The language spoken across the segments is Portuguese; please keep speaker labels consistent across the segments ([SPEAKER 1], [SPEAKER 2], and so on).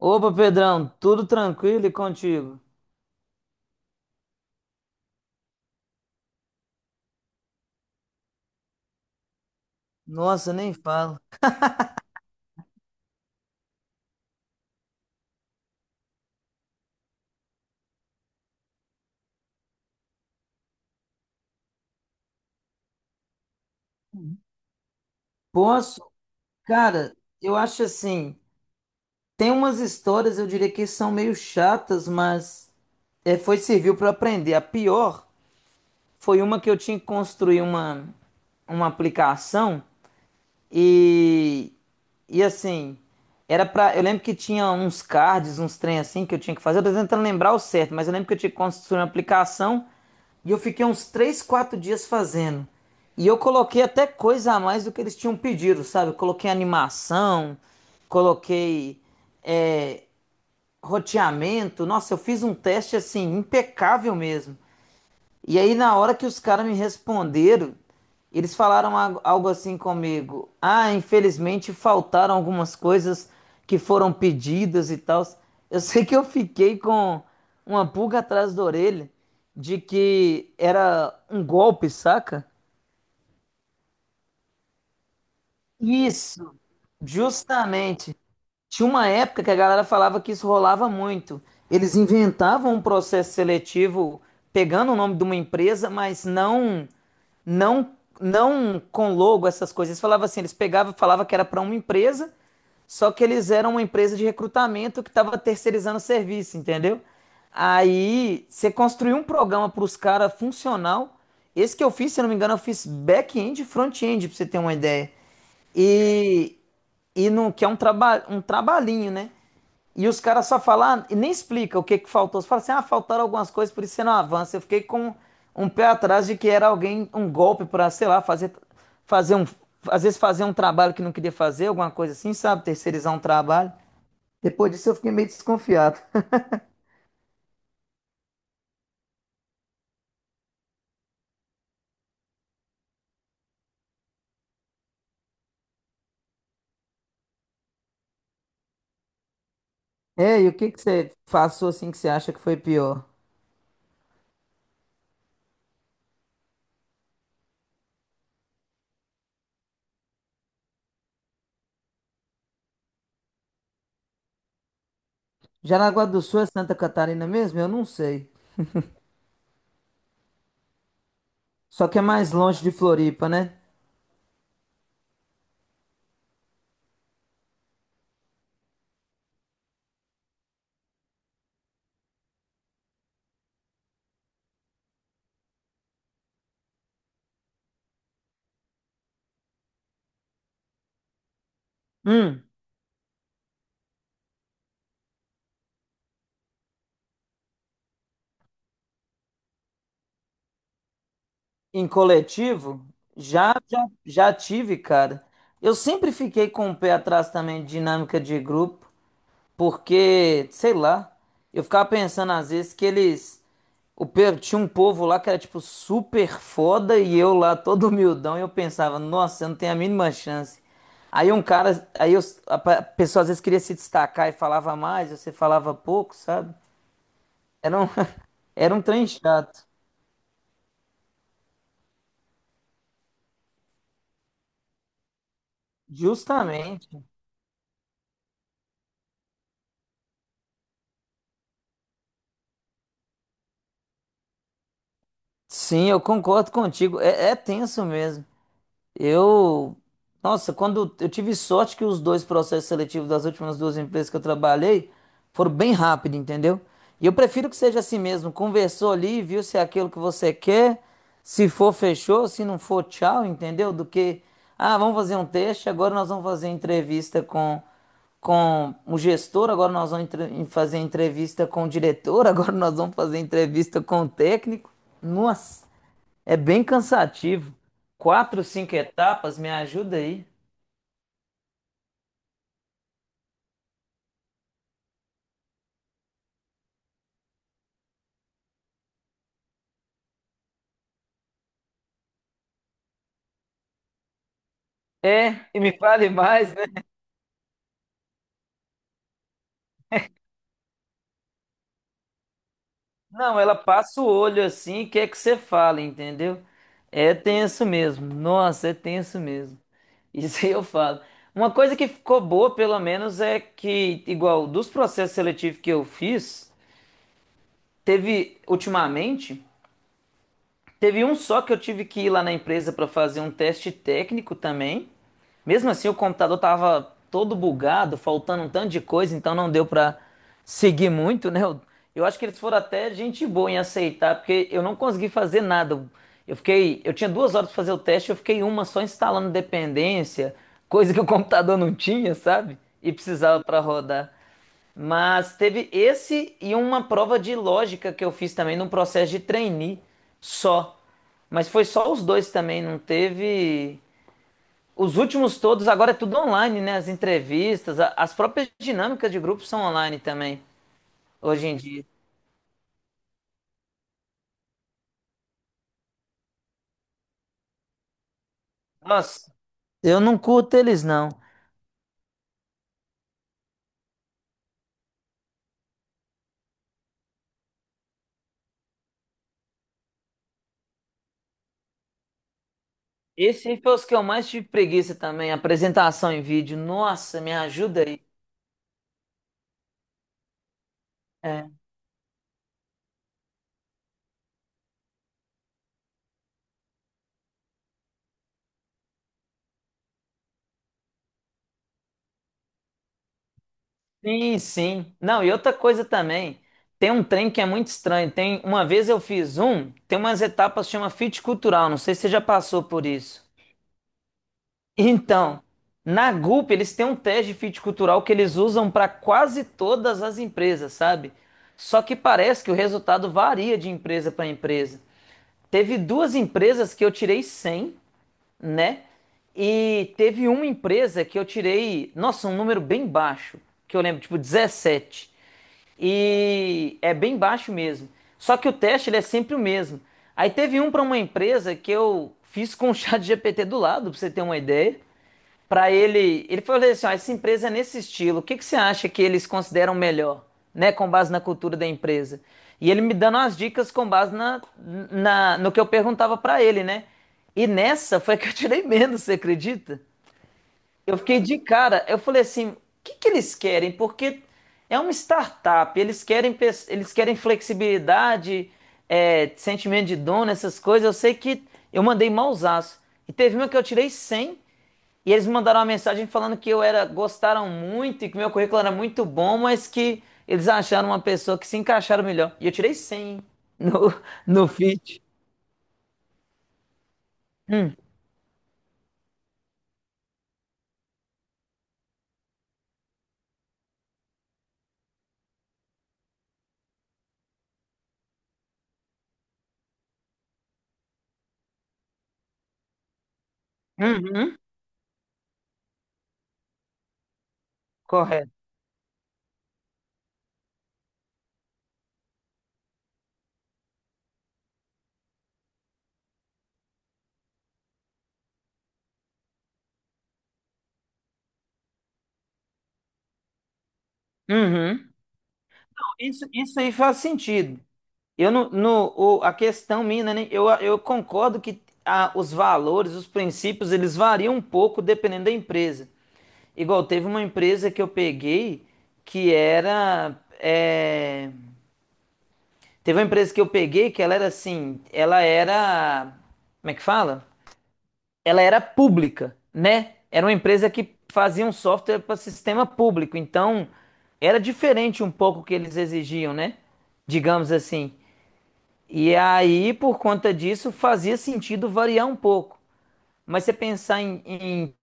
[SPEAKER 1] Opa, Pedrão, tudo tranquilo e contigo? Nossa, nem falo. Posso? Cara, eu acho assim, tem umas histórias, eu diria que são meio chatas, mas foi serviu para aprender. A pior foi uma que eu tinha que construir uma aplicação e e assim, era para. Eu lembro que tinha uns cards, uns trem assim que eu tinha que fazer. Eu tô tentando lembrar o certo, mas eu lembro que eu tinha que construir uma aplicação. E eu fiquei uns 3 4 dias fazendo. E eu coloquei até coisa a mais do que eles tinham pedido, sabe? Eu coloquei animação, coloquei é, roteamento. Nossa, eu fiz um teste assim, impecável mesmo. E aí, na hora que os caras me responderam, eles falaram algo assim comigo. Ah, infelizmente faltaram algumas coisas que foram pedidas e tal. Eu sei que eu fiquei com uma pulga atrás da orelha de que era um golpe, saca? Isso, justamente. Tinha uma época que a galera falava que isso rolava muito. Eles inventavam um processo seletivo pegando o nome de uma empresa, mas não não com logo essas coisas. Eles falavam assim, eles pegavam, falava que era para uma empresa, só que eles eram uma empresa de recrutamento que estava terceirizando o serviço, entendeu? Aí você construiu um programa para os caras funcional. Esse que eu fiz, se eu não me engano, eu fiz back-end e front-end, para você ter uma ideia. E, e no, que é um trabalhinho, né? E os caras só falam, "Ah, e nem explica o que que faltou. Você fala assim, ah, faltaram algumas coisas, por isso você não avança." Eu fiquei com um pé atrás de que era alguém, um golpe pra, sei lá, fazer um, às vezes fazer um trabalho que não queria fazer, alguma coisa assim, sabe? Terceirizar um trabalho. Depois disso eu fiquei meio desconfiado. É, e o que que você passou assim que você acha que foi pior? Jaraguá do Sul é Santa Catarina mesmo? Eu não sei. Só que é mais longe de Floripa, né? Hum. Em coletivo, já tive, cara. Eu sempre fiquei com o pé atrás também de dinâmica de grupo, porque, sei lá, eu ficava pensando às vezes que eles. O, tinha um povo lá que era, tipo, super foda e eu lá todo humildão e eu pensava, nossa, eu não tenho a mínima chance. Aí um cara. A pessoa às vezes queria se destacar e falava mais, você falava pouco, sabe? Era um, era um trem chato. Justamente. Sim, eu concordo contigo. É, é tenso mesmo. Eu, nossa, quando eu tive sorte que os dois processos seletivos das últimas duas empresas que eu trabalhei foram bem rápido, entendeu? E eu prefiro que seja assim mesmo. Conversou ali, viu se é aquilo que você quer, se for, fechou, se não for, tchau, entendeu? Do que, ah, vamos fazer um teste, agora nós vamos fazer entrevista com o gestor, agora nós vamos fazer entrevista com o diretor, agora nós vamos fazer entrevista com o técnico. Nossa. É bem cansativo. Quatro, cinco etapas, me ajuda aí. É, e me fale mais, né? Não, ela passa o olho assim e quer que você fale, entendeu? É tenso mesmo. Nossa, é tenso mesmo. Isso aí eu falo. Uma coisa que ficou boa, pelo menos, é que, igual dos processos seletivos que eu fiz, teve ultimamente. Teve um só que eu tive que ir lá na empresa para fazer um teste técnico também. Mesmo assim, o computador tava todo bugado, faltando um tanto de coisa, então não deu para seguir muito, né? Eu acho que eles foram até gente boa em aceitar, porque eu não consegui fazer nada. Eu fiquei, eu tinha duas horas para fazer o teste, eu fiquei uma só instalando dependência, coisa que o computador não tinha, sabe? E precisava para rodar. Mas teve esse e uma prova de lógica que eu fiz também no processo de trainee só. Mas foi só os dois também, não teve. Os últimos todos, agora é tudo online, né? As entrevistas, as próprias dinâmicas de grupo são online também, hoje em dia. Nossa, eu não curto eles, não. Esse aí foi os que eu mais tive preguiça também, apresentação em vídeo. Nossa, me ajuda aí. É. Sim. Não, e outra coisa também, tem um trem que é muito estranho. Tem, uma vez eu fiz um, tem umas etapas que chama fit cultural, não sei se você já passou por isso. Então, na Gulp eles têm um teste de fit cultural que eles usam para quase todas as empresas, sabe? Só que parece que o resultado varia de empresa para empresa. Teve duas empresas que eu tirei 100, né? E teve uma empresa que eu tirei, nossa, um número bem baixo, que eu lembro, tipo 17. E é bem baixo mesmo. Só que o teste ele é sempre o mesmo. Aí teve um para uma empresa que eu fiz com o chat GPT do lado, para você ter uma ideia. Pra ele, ele falou assim, ó, essa empresa é nesse estilo, o que que você acha que eles consideram melhor, né, com base na cultura da empresa? E ele me dando as dicas com base no que eu perguntava pra ele, né? E nessa foi que eu tirei menos, você acredita? Eu fiquei de cara, eu falei assim, o que que eles querem? Porque é uma startup, eles querem, eles querem flexibilidade, é, sentimento de dono, essas coisas. Eu sei que eu mandei mausaço. E teve uma que eu tirei 100 e eles me mandaram uma mensagem falando que eu era, gostaram muito e que meu currículo era muito bom, mas que eles acharam uma pessoa que se encaixaram melhor. E eu tirei 100 no, no fit. Hum, uhum, correto. Uhum. Isso aí faz sentido. Eu não, no, o- a questão minha, eu concordo que os valores, os princípios, eles variam um pouco dependendo da empresa. Igual teve uma empresa que eu peguei que era, é, teve uma empresa que eu peguei que ela era assim, ela era, como é que fala? Ela era pública, né? Era uma empresa que fazia um software para sistema público, então era diferente um pouco o que eles exigiam, né? Digamos assim. E aí, por conta disso, fazia sentido variar um pouco. Mas você pensar em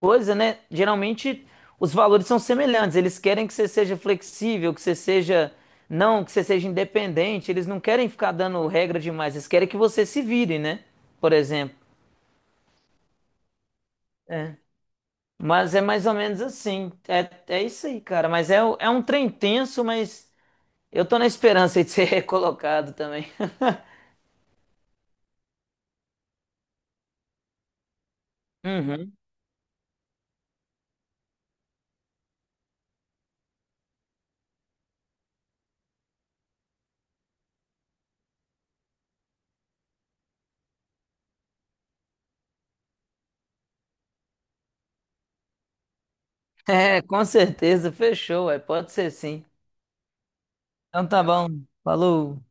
[SPEAKER 1] coisa, né? Geralmente os valores são semelhantes. Eles querem que você seja flexível, que você seja não, que você seja independente. Eles não querem ficar dando regra demais. Eles querem que você se vire, né? Por exemplo. É. Mas é mais ou menos assim. É, é isso aí, cara. Mas é, é um trem tenso, mas eu tô na esperança aí de ser recolocado também. Uhum. É, com certeza. Fechou, é. Pode ser sim. Então tá bom. Falou.